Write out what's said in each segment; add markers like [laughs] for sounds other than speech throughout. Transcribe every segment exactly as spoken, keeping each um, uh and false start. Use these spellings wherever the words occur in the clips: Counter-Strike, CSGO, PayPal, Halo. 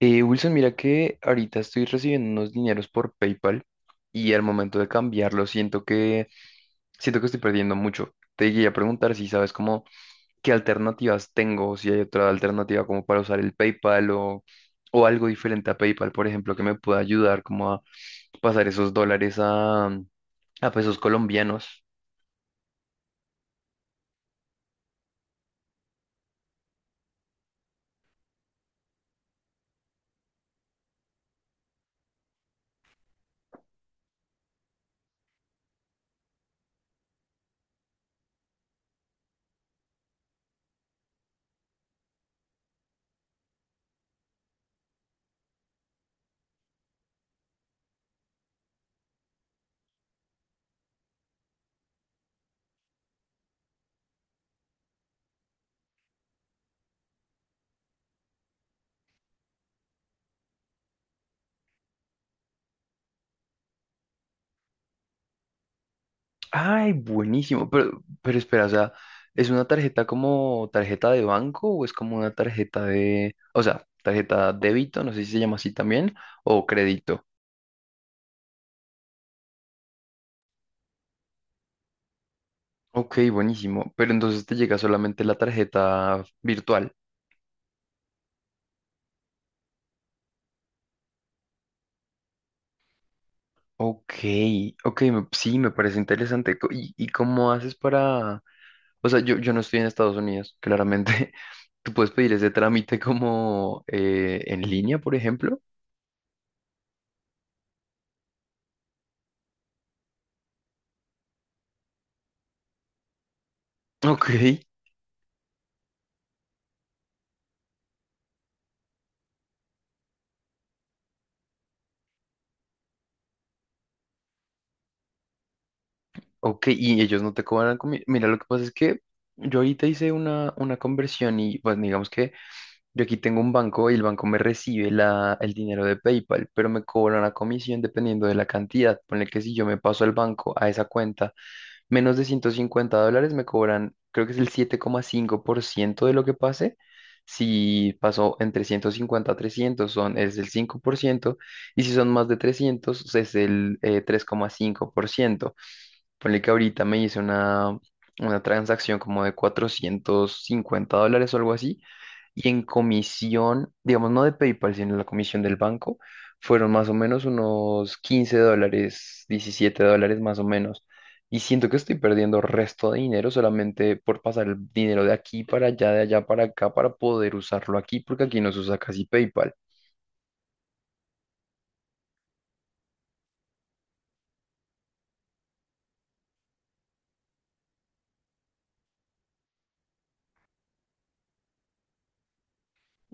Eh, Wilson, mira que ahorita estoy recibiendo unos dineros por PayPal y al momento de cambiarlo siento que siento que estoy perdiendo mucho. Te quería preguntar si sabes como qué alternativas tengo, o si hay otra alternativa como para usar el PayPal o, o algo diferente a PayPal, por ejemplo, que me pueda ayudar como a pasar esos dólares a, a pesos colombianos. Ay, buenísimo. Pero, pero espera, o sea, ¿es una tarjeta como tarjeta de banco o es como una tarjeta de, o sea, tarjeta débito, no sé si se llama así también, o crédito? Ok, buenísimo. Pero entonces te llega solamente la tarjeta virtual. Ok, ok, me- sí, me parece interesante. Co- ¿Y, y cómo haces para...? O sea, yo, yo no estoy en Estados Unidos, claramente. [laughs] ¿Tú puedes pedir ese trámite como eh, en línea, por ejemplo? Ok. Ok, y ellos no te cobran comida. Mira, lo que pasa es que yo ahorita hice una, una conversión y pues digamos que yo aquí tengo un banco y el banco me recibe la, el dinero de PayPal, pero me cobra una comisión dependiendo de la cantidad. Ponle que si yo me paso al banco a esa cuenta menos de ciento cincuenta dólares, me cobran, creo que es el siete coma cinco por ciento de lo que pase. Si pasó entre ciento cincuenta a trescientos son, es el cinco por ciento y si son más de trescientos es el eh, tres coma cinco por ciento. Ponle que ahorita me hice una, una transacción como de cuatrocientos cincuenta dólares o algo así. Y en comisión, digamos, no de PayPal, sino la comisión del banco, fueron más o menos unos quince dólares, diecisiete dólares más o menos. Y siento que estoy perdiendo resto de dinero solamente por pasar el dinero de aquí para allá, de allá para acá, para poder usarlo aquí, porque aquí no se usa casi PayPal.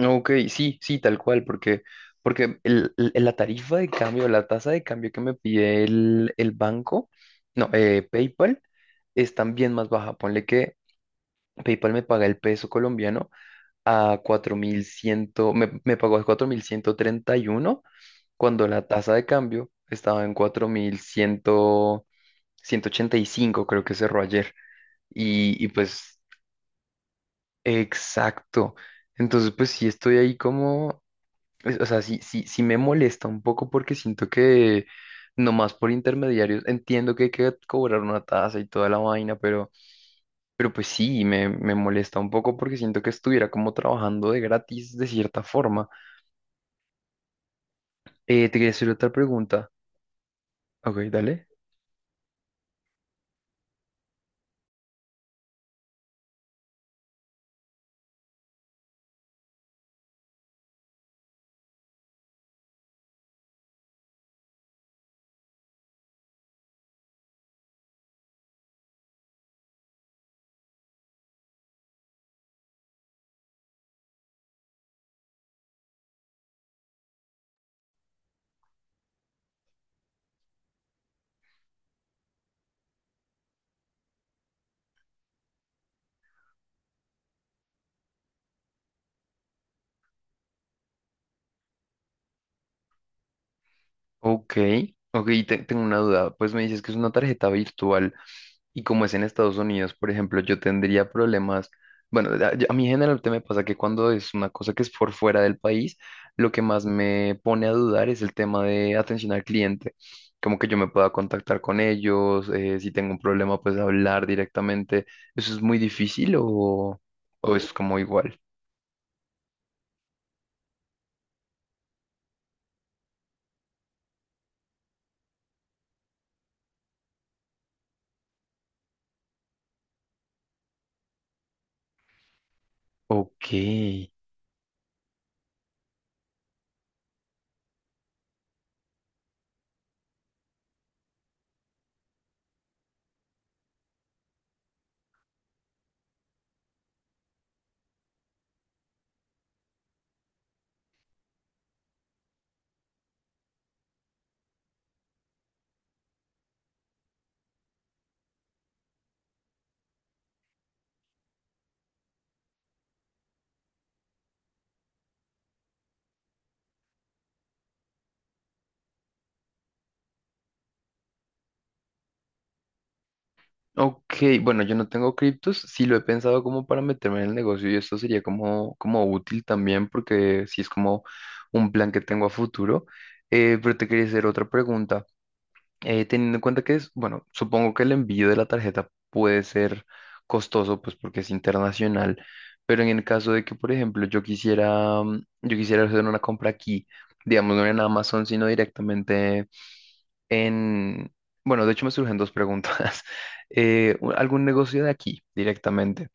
Ok, sí, sí, tal cual, porque, porque el- el- la tarifa de cambio, la tasa de cambio que me pide el, el banco, no, eh, PayPal, es también más baja. Ponle que PayPal me paga el peso colombiano a cuatro mil cien, me, me pagó a cuatro mil ciento treinta y uno cuando la tasa de cambio estaba en cuatro mil cien, ciento ochenta y cinco creo que cerró ayer. Y, y pues, exacto. Entonces, pues sí estoy ahí como, es- o sea, sí, sí, sí me molesta un poco porque siento que nomás por intermediarios entiendo que hay que cobrar una tasa y toda la vaina, pero, pero pues sí, me, me molesta un poco porque siento que estuviera como trabajando de gratis de cierta forma. Eh, te quería hacer otra pregunta. Ok, dale. Ok, ok, te- tengo una duda. Pues me dices que es una tarjeta virtual. Y como es en Estados Unidos, por ejemplo, yo tendría problemas. Bueno, a, yo- a mí generalmente me pasa que cuando es una cosa que es por fuera del país, lo que más me pone a dudar es el tema de atención al cliente. Como que yo me pueda contactar con ellos, eh, si tengo un problema, pues hablar directamente. ¿Eso es muy difícil o, o es como igual? Ok. Ok, bueno, yo no tengo criptos, sí lo he pensado como para meterme en el negocio y esto sería como, como útil también porque sí es como un plan que tengo a futuro. Eh, pero te quería hacer otra pregunta. Eh, teniendo en cuenta que es, bueno, supongo que el envío de la tarjeta puede ser costoso, pues porque es internacional, pero en el caso de que, por ejemplo, yo quisiera, mm, yo quisiera hacer una compra aquí, digamos, no en Amazon, sino directamente en, bueno, de hecho me surgen dos preguntas. [laughs] Eh, u- ¿algún negocio de aquí directamente?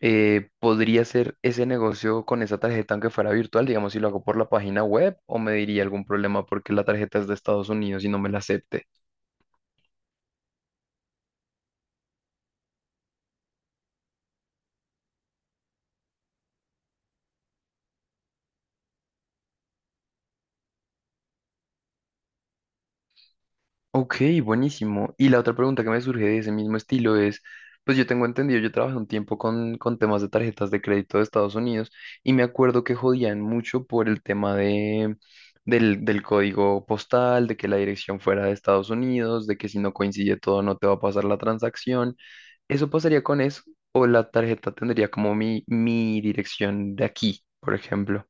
Eh, ¿podría ser ese negocio con esa tarjeta aunque fuera virtual? Digamos, si lo hago por la página web o me diría algún problema porque la tarjeta es de Estados Unidos y no me la acepte. Ok, buenísimo. Y la otra pregunta que me surge de ese mismo estilo es, pues yo tengo entendido, yo trabajé un tiempo con, con, temas de tarjetas de crédito de Estados Unidos y me acuerdo que jodían mucho por el tema de, del, del código postal, de que la dirección fuera de Estados Unidos, de que si no coincide todo no te va a pasar la transacción. ¿Eso pasaría con eso? ¿O la tarjeta tendría como mi, mi dirección de aquí, por ejemplo?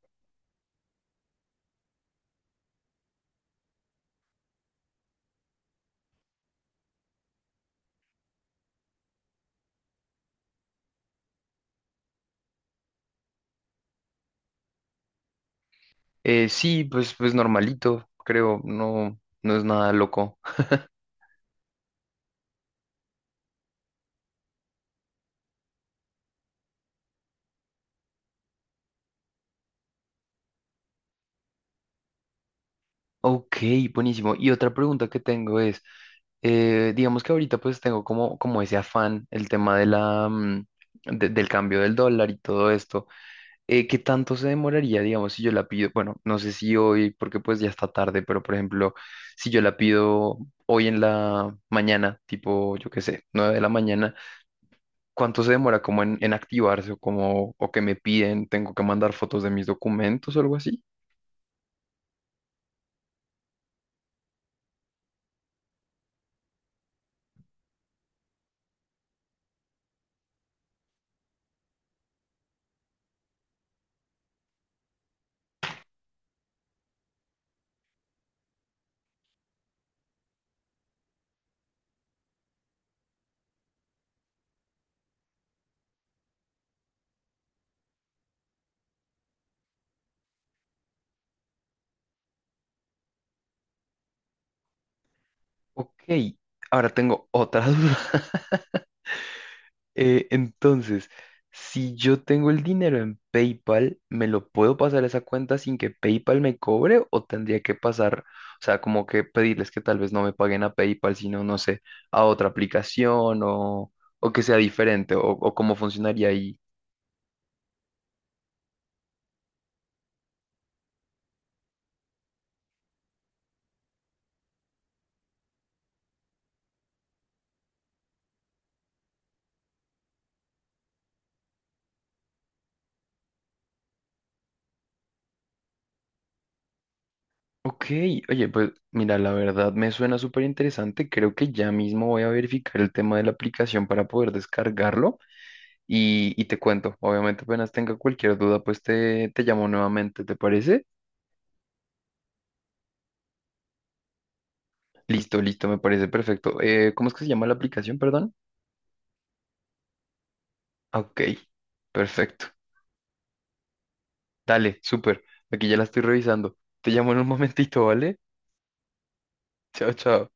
Eh, sí, pues, pues normalito, creo, no, no es nada loco. Ok, buenísimo. Y otra pregunta que tengo es, eh, digamos que ahorita pues tengo como, como ese afán, el tema de la, mm, de- del cambio del dólar y todo esto. Eh, ¿qué tanto se demoraría, digamos, si yo la pido? Bueno, no sé si hoy, porque pues ya está tarde, pero por ejemplo, si yo la pido hoy en la mañana, tipo, yo qué sé, nueve de la mañana, ¿cuánto se demora como en, en activarse o como, o que me piden, tengo que mandar fotos de mis documentos o algo así? Ok, ahora tengo otra [laughs] duda. Eh, entonces, si yo tengo el dinero en PayPal, ¿me lo puedo pasar a esa cuenta sin que PayPal me cobre o tendría que pasar, o sea, como que pedirles que tal vez no me paguen a PayPal, sino, no sé, a otra aplicación o, o que sea diferente o, o cómo funcionaría ahí? Ok, oye, pues mira, la verdad me suena súper interesante. Creo que ya mismo voy a verificar el tema de la aplicación para poder descargarlo y, y te cuento. Obviamente apenas tenga cualquier duda, pues te, te llamo nuevamente, ¿te parece? Listo, listo, me parece perfecto. Eh, ¿cómo es que se llama la aplicación, perdón? Ah, Ok, perfecto. Dale, súper. Aquí ya la estoy revisando. Te llamo en un [laughs] momentito, ¿vale? Chao, chao.